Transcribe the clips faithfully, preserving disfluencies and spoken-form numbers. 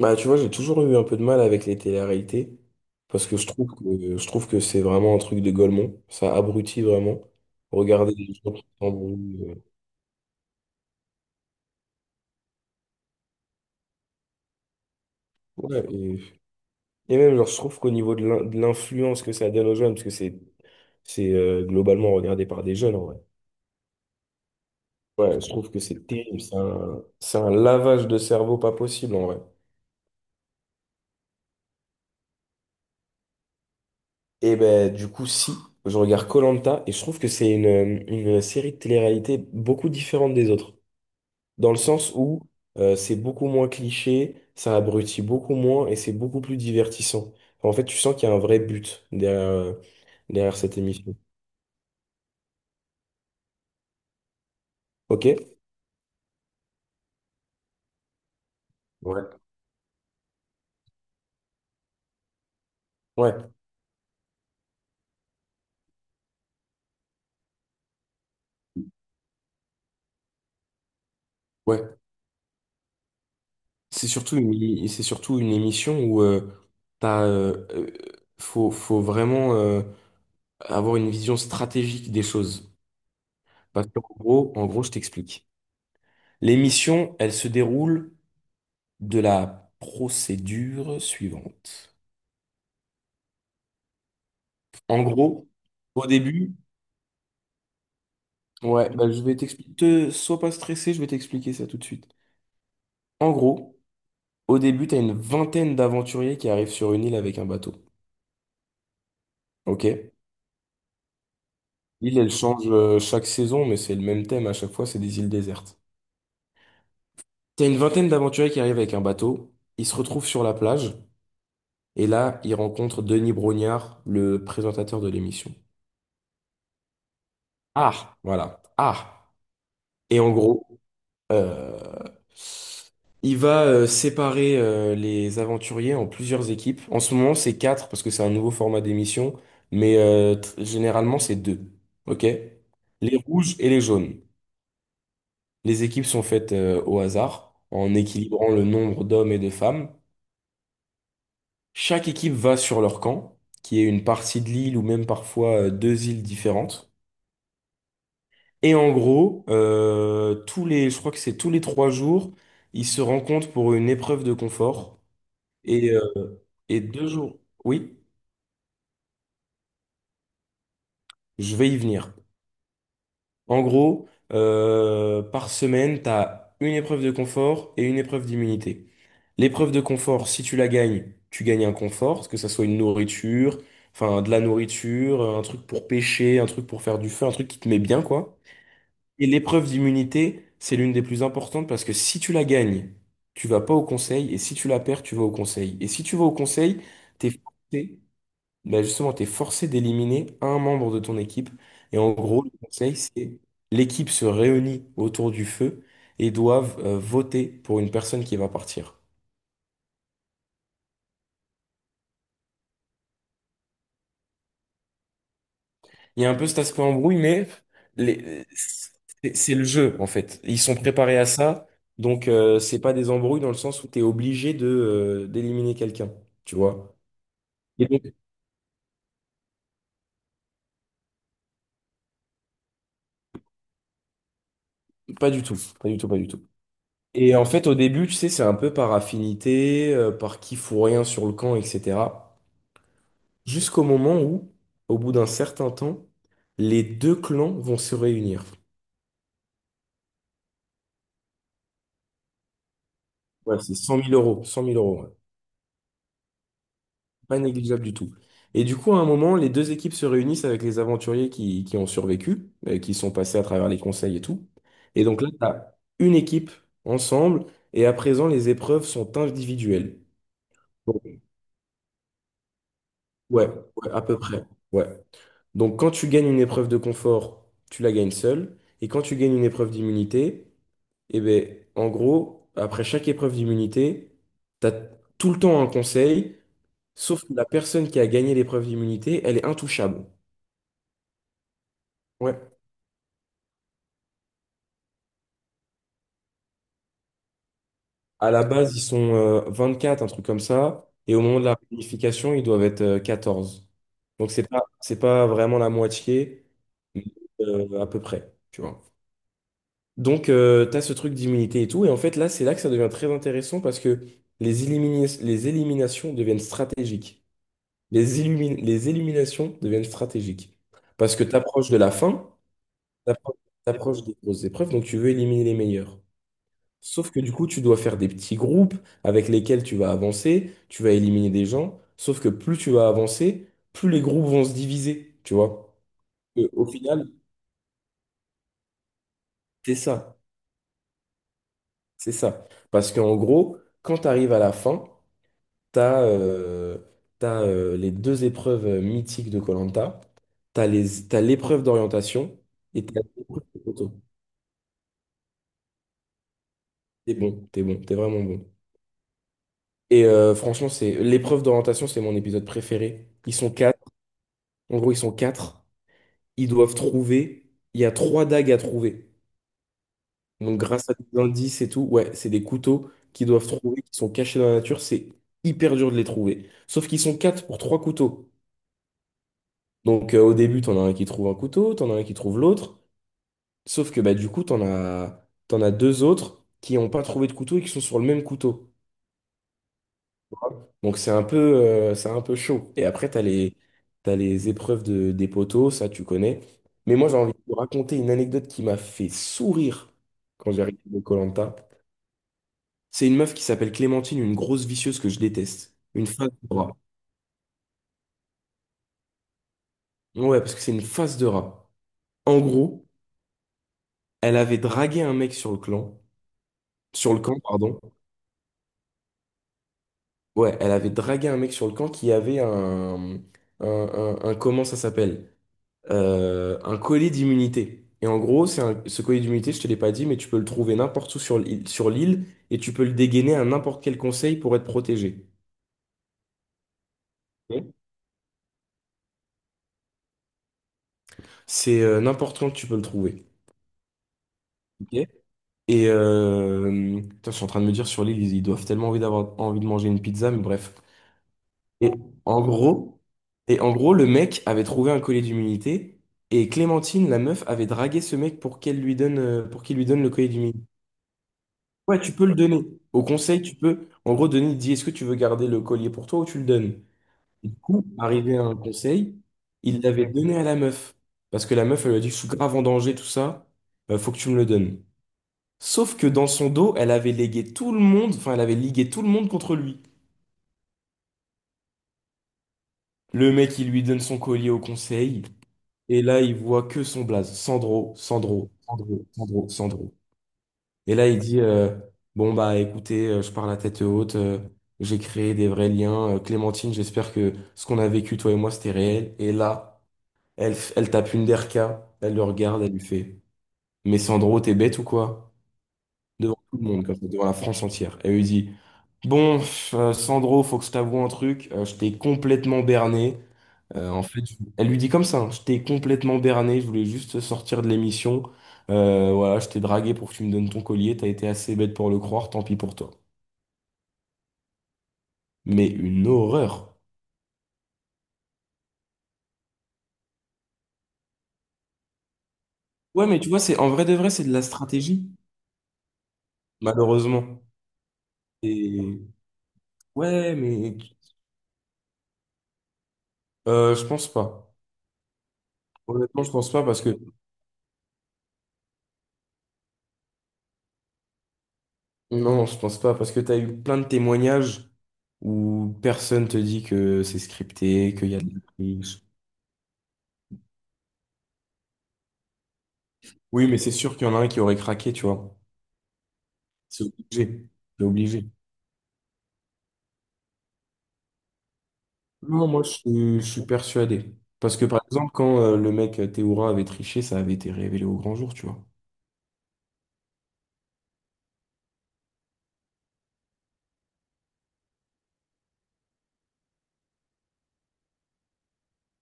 Bah, tu vois, j'ai toujours eu un peu de mal avec les télé-réalités parce que je trouve que, je trouve que c'est vraiment un truc de golemont. Ça abrutit vraiment. Regarder les gens qui s'embrouillent. euh, Ouais, et, et même, genre, je trouve qu'au niveau de l'in- de l'influence que ça donne aux jeunes, parce que c'est c'est euh, globalement regardé par des jeunes en vrai. Ouais, je trouve que c'est terrible. C'est un, c'est un lavage de cerveau pas possible en vrai. Et ben, du coup, si, je regarde koh et je trouve que c'est une, une série de télé-réalité beaucoup différente des autres, dans le sens où euh, c'est beaucoup moins cliché, ça abrutit beaucoup moins et c'est beaucoup plus divertissant. En fait, tu sens qu'il y a un vrai but derrière, derrière cette émission. Ok? Ouais. Ouais, ouais. C'est surtout une, c'est surtout une émission où euh, t'as, euh, euh, faut, faut vraiment euh, avoir une vision stratégique des choses. Parce qu'en gros, en gros, je t'explique. L'émission, elle se déroule de la procédure suivante. En gros, au début, ouais, bah, je vais t'expliquer. Sois pas stressé, je vais t'expliquer ça tout de suite. En gros, au début, t'as une vingtaine d'aventuriers qui arrivent sur une île avec un bateau. Ok? L'île, elle change euh, chaque saison, mais c'est le même thème à chaque fois, c'est des îles désertes. T'as une vingtaine d'aventuriers qui arrivent avec un bateau, ils se retrouvent sur la plage, et là, ils rencontrent Denis Brognard, le présentateur de l'émission. Ah, voilà. Ah. Et en gros, Euh, il va euh, séparer euh, les aventuriers en plusieurs équipes. En ce moment, c'est quatre parce que c'est un nouveau format d'émission, mais euh, tr- généralement, c'est deux. OK? Les rouges et les jaunes. Les équipes sont faites euh, au hasard en équilibrant le nombre d'hommes et de femmes. Chaque équipe va sur leur camp, qui est une partie de l'île ou même parfois euh, deux îles différentes. Et en gros, euh, tous les, je crois que c'est tous les trois jours, ils se rencontrent pour une épreuve de confort. Et, euh, et deux jours, oui, je vais y venir. En gros, euh, par semaine, tu as une épreuve de confort et une épreuve d'immunité. L'épreuve de confort, si tu la gagnes, tu gagnes un confort, que ça soit une nourriture, enfin de la nourriture, un truc pour pêcher, un truc pour faire du feu, un truc qui te met bien, quoi. Et l'épreuve d'immunité, c'est l'une des plus importantes parce que si tu la gagnes, tu vas pas au conseil, et si tu la perds, tu vas au conseil. Et si tu vas au conseil, t'es forcé bah justement, tu es forcé d'éliminer un membre de ton équipe. Et en gros, le conseil, c'est l'équipe se réunit autour du feu et doivent euh, voter pour une personne qui va partir. Il y a un peu cet aspect embrouille, mais les- c'est c'est le jeu, en fait. Ils sont préparés à ça, donc euh, c'est pas des embrouilles dans le sens où tu es obligé de euh, d'éliminer quelqu'un, tu vois. Et donc, pas du tout, pas du tout, pas du tout. Et en fait, au début, tu sais, c'est un peu par affinité, euh, par qui fout rien sur le camp, et cetera. Jusqu'au moment où, au bout d'un certain temps, les deux clans vont se réunir. Ouais, c'est cent mille euros, cent mille euros, ouais. Pas négligeable du tout. Et du coup, à un moment, les deux équipes se réunissent avec les aventuriers qui, qui ont survécu, euh, qui sont passés à travers les conseils et tout. Et donc là, t'as une équipe ensemble, et à présent, les épreuves sont individuelles. Donc, ouais, ouais, à peu près. Ouais. Donc quand tu gagnes une épreuve de confort, tu la gagnes seul. Et quand tu gagnes une épreuve d'immunité, eh ben, en gros, après chaque épreuve d'immunité, tu as tout le temps un conseil, sauf que la personne qui a gagné l'épreuve d'immunité, elle est intouchable. Ouais. À la base, ils sont euh, quatre un truc comme ça, et au moment de la réunification, ils doivent être euh, quatorze. Donc c'est pas, c'est pas vraiment la moitié, mais euh, à peu près, tu vois. Donc, euh, t'as tu as ce truc d'immunité et tout. Et en fait, là, c'est là que ça devient très intéressant parce que les, élimina- les éliminations deviennent stratégiques. Les, élimi- les éliminations deviennent stratégiques. Parce que tu approches de la fin, tu approches des grosses épreuves, donc tu veux éliminer les meilleurs. Sauf que du coup, tu dois faire des petits groupes avec lesquels tu vas avancer, tu vas éliminer des gens. Sauf que plus tu vas avancer, plus les groupes vont se diviser, tu vois. Euh, Au final, c'est ça. C'est ça. Parce qu'en gros, quand tu arrives à la fin, T'as euh, t'as, euh, les deux épreuves euh, mythiques de Koh-Lanta. T'as les, t'as l'épreuve d'orientation et t'as l'épreuve de photo. T'es bon, t'es bon, t'es vraiment bon. Et euh, franchement, c'est l'épreuve d'orientation, c'est mon épisode préféré. Ils sont quatre. En gros, ils sont quatre. Ils doivent trouver. Il y a trois dagues à trouver. Donc, grâce à des indices et tout, ouais, c'est des couteaux qu'ils doivent trouver, qui sont cachés dans la nature. C'est hyper dur de les trouver. Sauf qu'ils sont quatre pour trois couteaux. Donc, euh, au début, t'en as un qui trouve un couteau, t'en as un qui trouve l'autre. Sauf que bah, du coup, t'en as, t'en as deux autres qui n'ont pas trouvé de couteau et qui sont sur le même couteau. Donc c'est un peu, euh, c'est un peu chaud. Et après, t'as les, t'as les épreuves de, des poteaux, ça tu connais. Mais moi, j'ai envie de vous raconter une anecdote qui m'a fait sourire quand j'ai regardé koh. C'est une meuf qui s'appelle Clémentine, une grosse vicieuse que je déteste. Une face de rat. Ouais, parce que c'est une face de rat. En gros, elle avait dragué un mec sur le clan, sur le camp, pardon. Ouais, elle avait dragué un mec sur le camp qui avait un, un, un- un- comment ça s'appelle? Euh, un collier d'immunité. Et en gros, c'est un- ce collier d'immunité, je te l'ai pas dit, mais tu peux le trouver n'importe où sur l'île, sur l'île et tu peux le dégainer à n'importe quel conseil pour être protégé. Ok. C'est euh, n'importe quand que tu peux le trouver. Ok. Et euh, putain, je suis en train de me dire sur l'île, ils, ils doivent tellement envie d'avoir envie de manger une pizza, mais bref. Et en gros, et en gros, le mec avait trouvé un collier d'humilité et Clémentine, la meuf, avait dragué ce mec pour qu'elle lui donne, euh, pour qu'il lui donne le collier d'humilité. Ouais, tu peux le donner. Au conseil, tu peux, en gros, donner, il dit, est-ce que tu veux garder le collier pour toi ou tu le donnes? Et du coup, arrivé à un conseil, il l'avait donné à la meuf. Parce que la meuf, elle lui a dit, je suis grave en danger, tout ça, euh, faut que tu me le donnes. Sauf que dans son dos, elle avait légué tout le monde, enfin, elle avait ligué tout le monde contre lui. Le mec, il lui donne son collier au conseil. Et là, il voit que son blaze, Sandro, Sandro, Sandro, Sandro, Sandro. Et là, il dit, euh, bon, bah écoutez, euh, je pars la tête haute, euh, j'ai créé des vrais liens. Euh, Clémentine, j'espère que ce qu'on a vécu, toi et moi, c'était réel. Et là, elle, f- elle tape une derka, elle le regarde, elle lui fait, mais Sandro, t'es bête ou quoi? Devant tout le monde, comme ça, devant la France entière. Elle lui dit, bon, pff, euh, Sandro, faut que je t'avoue un truc, euh, je t'ai complètement berné. Euh, en fait, je- elle lui dit comme ça, hein, je t'ai complètement berné, je voulais juste sortir de l'émission. Euh, voilà, je t'ai dragué pour que tu me donnes ton collier, t'as été assez bête pour le croire, tant pis pour toi. Mais une horreur. Ouais, mais tu vois, c'est en vrai de vrai, c'est de la stratégie, malheureusement. Et ouais, mais euh, je pense pas. Honnêtement, je pense pas parce que non, je pense pas parce que t'as eu plein de témoignages où personne te dit que c'est scripté, qu'il y a de la triche. Oui, mais c'est sûr qu'il y en a un qui aurait craqué, tu vois. C'est obligé. C'est obligé. Non, moi, je, suis je suis persuadé. Parce que, par exemple, quand euh, le mec euh, Théoura avait triché, ça avait été révélé au grand jour, tu vois.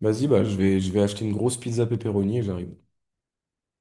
Vas-y, bah, je vais, je vais acheter une grosse pizza pepperoni et j'arrive.